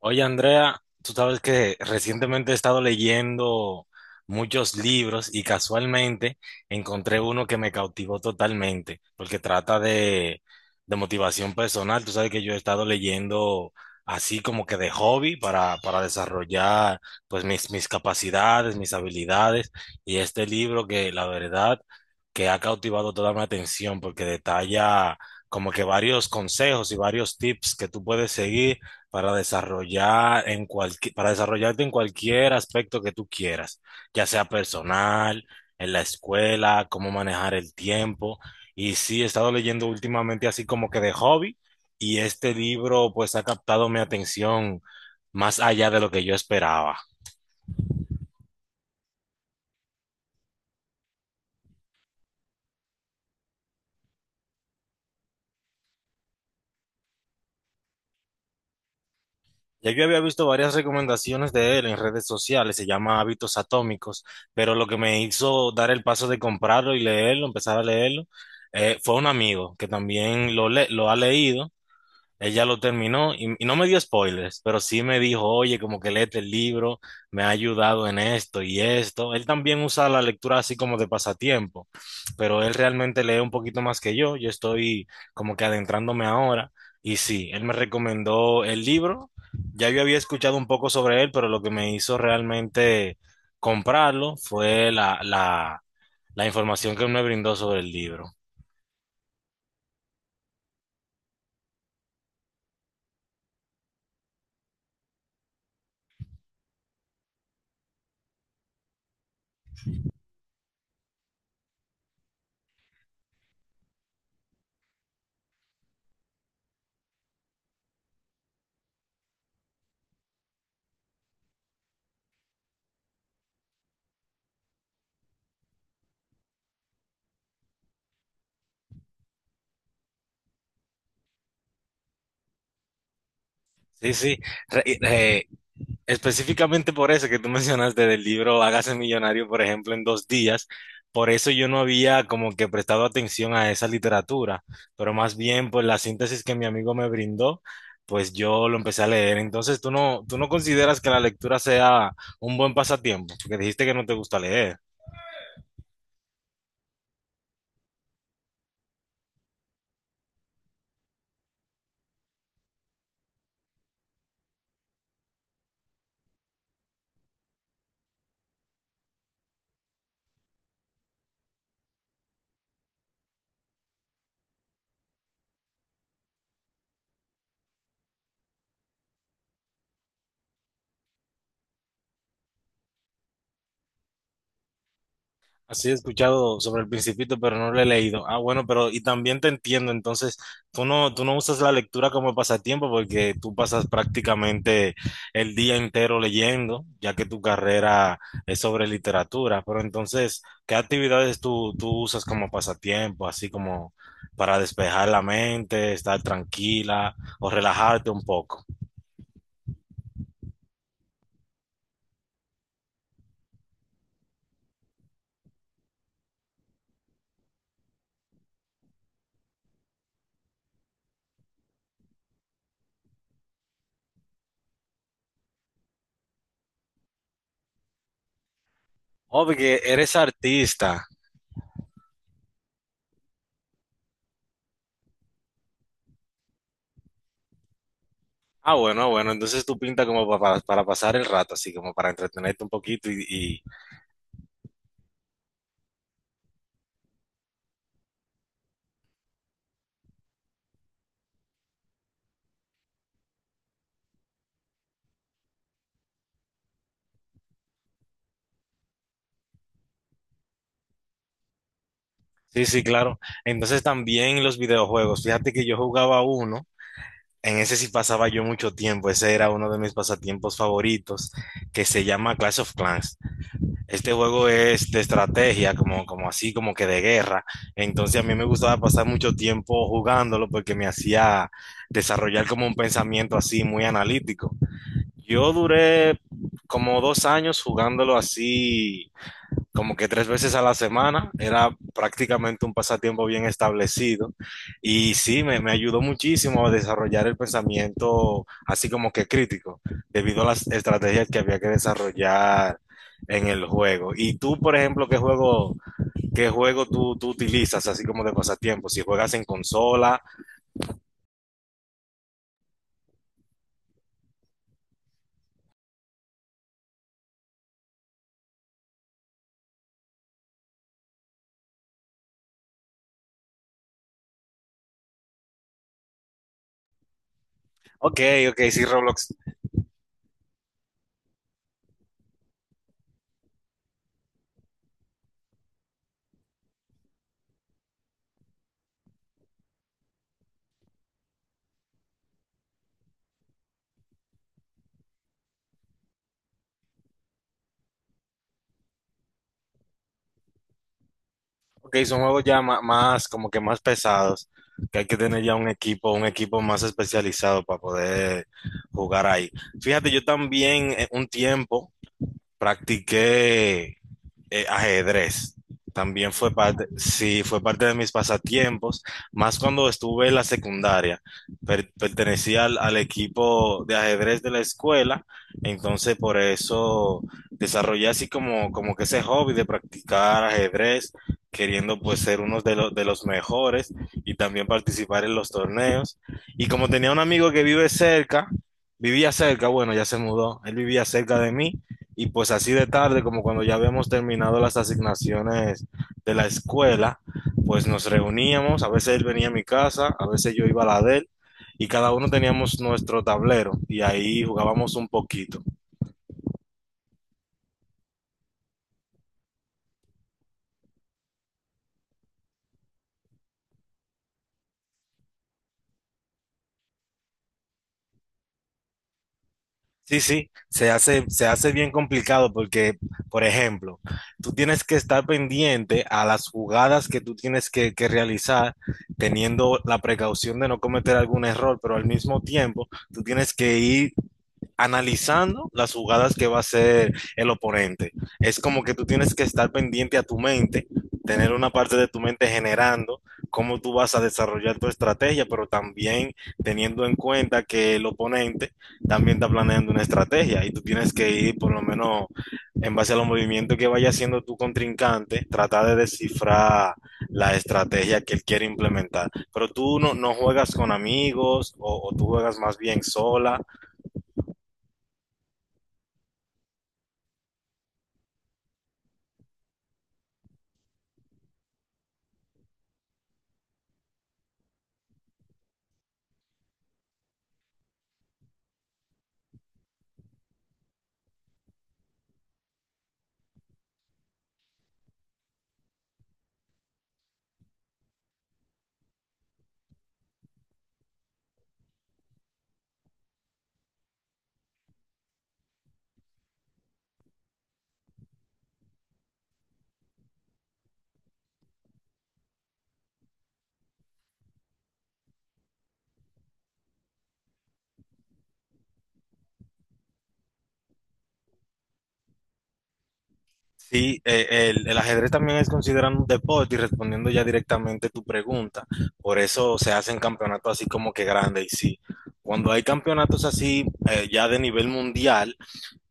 Oye, Andrea, tú sabes que recientemente he estado leyendo muchos libros y casualmente encontré uno que me cautivó totalmente, porque trata de motivación personal. Tú sabes que yo he estado leyendo así como que de hobby para desarrollar pues mis capacidades, mis habilidades y este libro que la verdad que ha cautivado toda mi atención porque detalla como que varios consejos y varios tips que tú puedes seguir para desarrollar en para desarrollarte en cualquier aspecto que tú quieras, ya sea personal, en la escuela, cómo manejar el tiempo. Y sí, he estado leyendo últimamente así como que de hobby y este libro pues ha captado mi atención más allá de lo que yo esperaba. Ya yo había visto varias recomendaciones de él en redes sociales, se llama Hábitos Atómicos, pero lo que me hizo dar el paso de comprarlo y leerlo, empezar a leerlo, fue un amigo que también lo ha leído, ella lo terminó y no me dio spoilers, pero sí me dijo, oye, como que léete el libro, me ha ayudado en esto y esto. Él también usa la lectura así como de pasatiempo, pero él realmente lee un poquito más que yo. Yo estoy como que adentrándome ahora. Y sí, él me recomendó el libro. Ya yo había escuchado un poco sobre él, pero lo que me hizo realmente comprarlo fue la información que me brindó sobre el libro. Sí, sí. Re- eh, Específicamente por eso que tú mencionaste del libro Hágase Millonario, por ejemplo, en 2 días, por eso yo no había como que prestado atención a esa literatura, pero más bien por la síntesis que mi amigo me brindó, pues yo lo empecé a leer. Entonces, ¿tú no consideras que la lectura sea un buen pasatiempo? Porque dijiste que no te gusta leer. Así he escuchado sobre el Principito, pero no lo he leído. Ah, bueno, pero y también te entiendo, entonces tú no usas la lectura como pasatiempo porque tú pasas prácticamente el día entero leyendo, ya que tu carrera es sobre literatura, pero entonces, ¿qué actividades tú usas como pasatiempo, así como para despejar la mente, estar tranquila o relajarte un poco? Oh, porque eres artista. Ah, bueno, bueno, entonces tú pintas como para pasar el rato, así como para entretenerte un poquito Sí, sí, claro. Entonces también los videojuegos, fíjate que yo jugaba uno, en ese sí pasaba yo mucho tiempo, ese era uno de mis pasatiempos favoritos, que se llama Clash of Clans. Este juego es de estrategia, como así, como que de guerra, entonces a mí me gustaba pasar mucho tiempo jugándolo porque me hacía desarrollar como un pensamiento así muy analítico. Yo duré como 2 años jugándolo así, como que 3 veces a la semana. Era prácticamente un pasatiempo bien establecido. Y sí, me ayudó muchísimo a desarrollar el pensamiento así como que crítico, debido a las estrategias que había que desarrollar en el juego. Y tú, por ejemplo, ¿qué juego tú utilizas así como de pasatiempo? Si juegas en consola, ok, ok, sí, Roblox. Ok, son juegos ya más, como que más pesados, que hay que tener ya un equipo más especializado para poder jugar ahí. Fíjate, yo también un tiempo practiqué ajedrez. También fue parte, sí, fue parte de mis pasatiempos, más cuando estuve en la secundaria. Pertenecía al equipo de ajedrez de la escuela, entonces por eso desarrollé así como que ese hobby de practicar ajedrez, queriendo pues ser uno de los mejores y también participar en los torneos. Y como tenía un amigo que vivía cerca, bueno, ya se mudó, él vivía cerca de mí. Y pues así de tarde, como cuando ya habíamos terminado las asignaciones de la escuela, pues nos reuníamos, a veces él venía a mi casa, a veces yo iba a la de él, y cada uno teníamos nuestro tablero y ahí jugábamos un poquito. Sí, sí, se hace bien complicado porque, por ejemplo, tú tienes que estar pendiente a las jugadas que tú tienes que realizar, teniendo la precaución de no cometer algún error, pero al mismo tiempo tú tienes que ir analizando las jugadas que va a hacer el oponente. Es como que tú tienes que estar pendiente a tu mente, tener una parte de tu mente generando cómo tú vas a desarrollar tu estrategia, pero también teniendo en cuenta que el oponente también está planeando una estrategia y tú tienes que ir por lo menos en base a los movimientos que vaya haciendo tu contrincante, tratar de descifrar la estrategia que él quiere implementar. Pero tú no, no juegas con amigos o tú juegas más bien sola. Sí, el ajedrez también es considerado un deporte y respondiendo ya directamente tu pregunta, por eso se hacen campeonatos así como que grandes y sí, cuando hay campeonatos así ya de nivel mundial,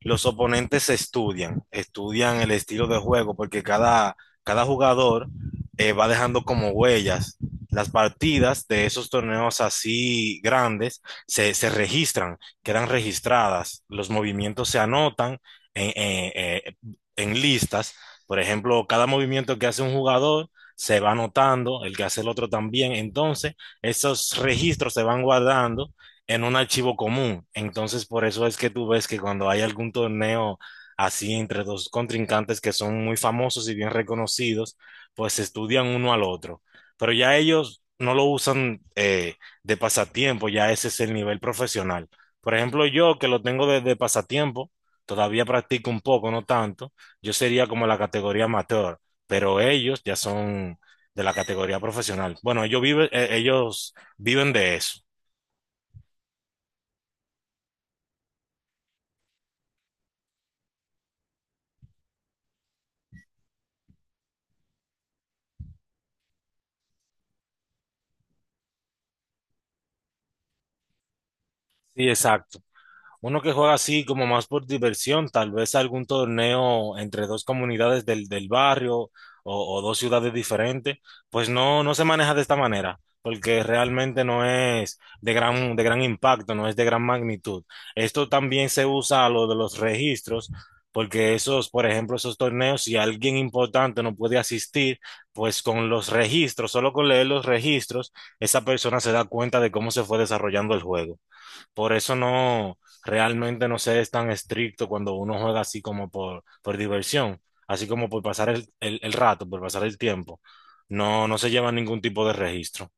los oponentes se estudian, estudian el estilo de juego, porque cada jugador va dejando como huellas. Las partidas de esos torneos así grandes se registran, quedan registradas, los movimientos se anotan en, eh, eh, en listas. Por ejemplo, cada movimiento que hace un jugador se va anotando, el que hace el otro también. Entonces, esos registros se van guardando en un archivo común. Entonces, por eso es que tú ves que cuando hay algún torneo así entre 2 contrincantes que son muy famosos y bien reconocidos, pues se estudian uno al otro. Pero ya ellos no lo usan de pasatiempo, ya ese es el nivel profesional. Por ejemplo, yo que lo tengo desde pasatiempo, todavía practico un poco, no tanto, yo sería como la categoría amateur, pero ellos ya son de la categoría profesional. Bueno, ellos viven de eso. Sí, exacto. Uno que juega así como más por diversión, tal vez algún torneo entre 2 comunidades del barrio o 2 ciudades diferentes, pues no, no se maneja de esta manera, porque realmente no es de de gran impacto, no es de gran magnitud. Esto también se usa a lo de los registros, porque esos, por ejemplo, esos torneos, si alguien importante no puede asistir, pues con los registros, solo con leer los registros, esa persona se da cuenta de cómo se fue desarrollando el juego. Por eso no, realmente no se es tan estricto cuando uno juega así como por diversión, así como por pasar el rato, por pasar el tiempo. No, no se lleva ningún tipo de registro.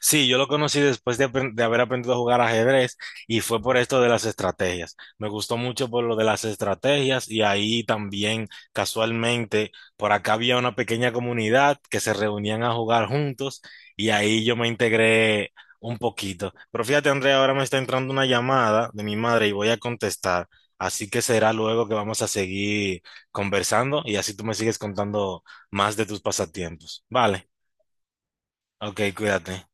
Sí, yo lo conocí después de, de haber aprendido a jugar ajedrez y fue por esto de las estrategias. Me gustó mucho por lo de las estrategias y ahí también casualmente por acá había una pequeña comunidad que se reunían a jugar juntos y ahí yo me integré un poquito. Pero fíjate, Andrea, ahora me está entrando una llamada de mi madre y voy a contestar. Así que será luego que vamos a seguir conversando y así tú me sigues contando más de tus pasatiempos. Vale, ok, cuídate.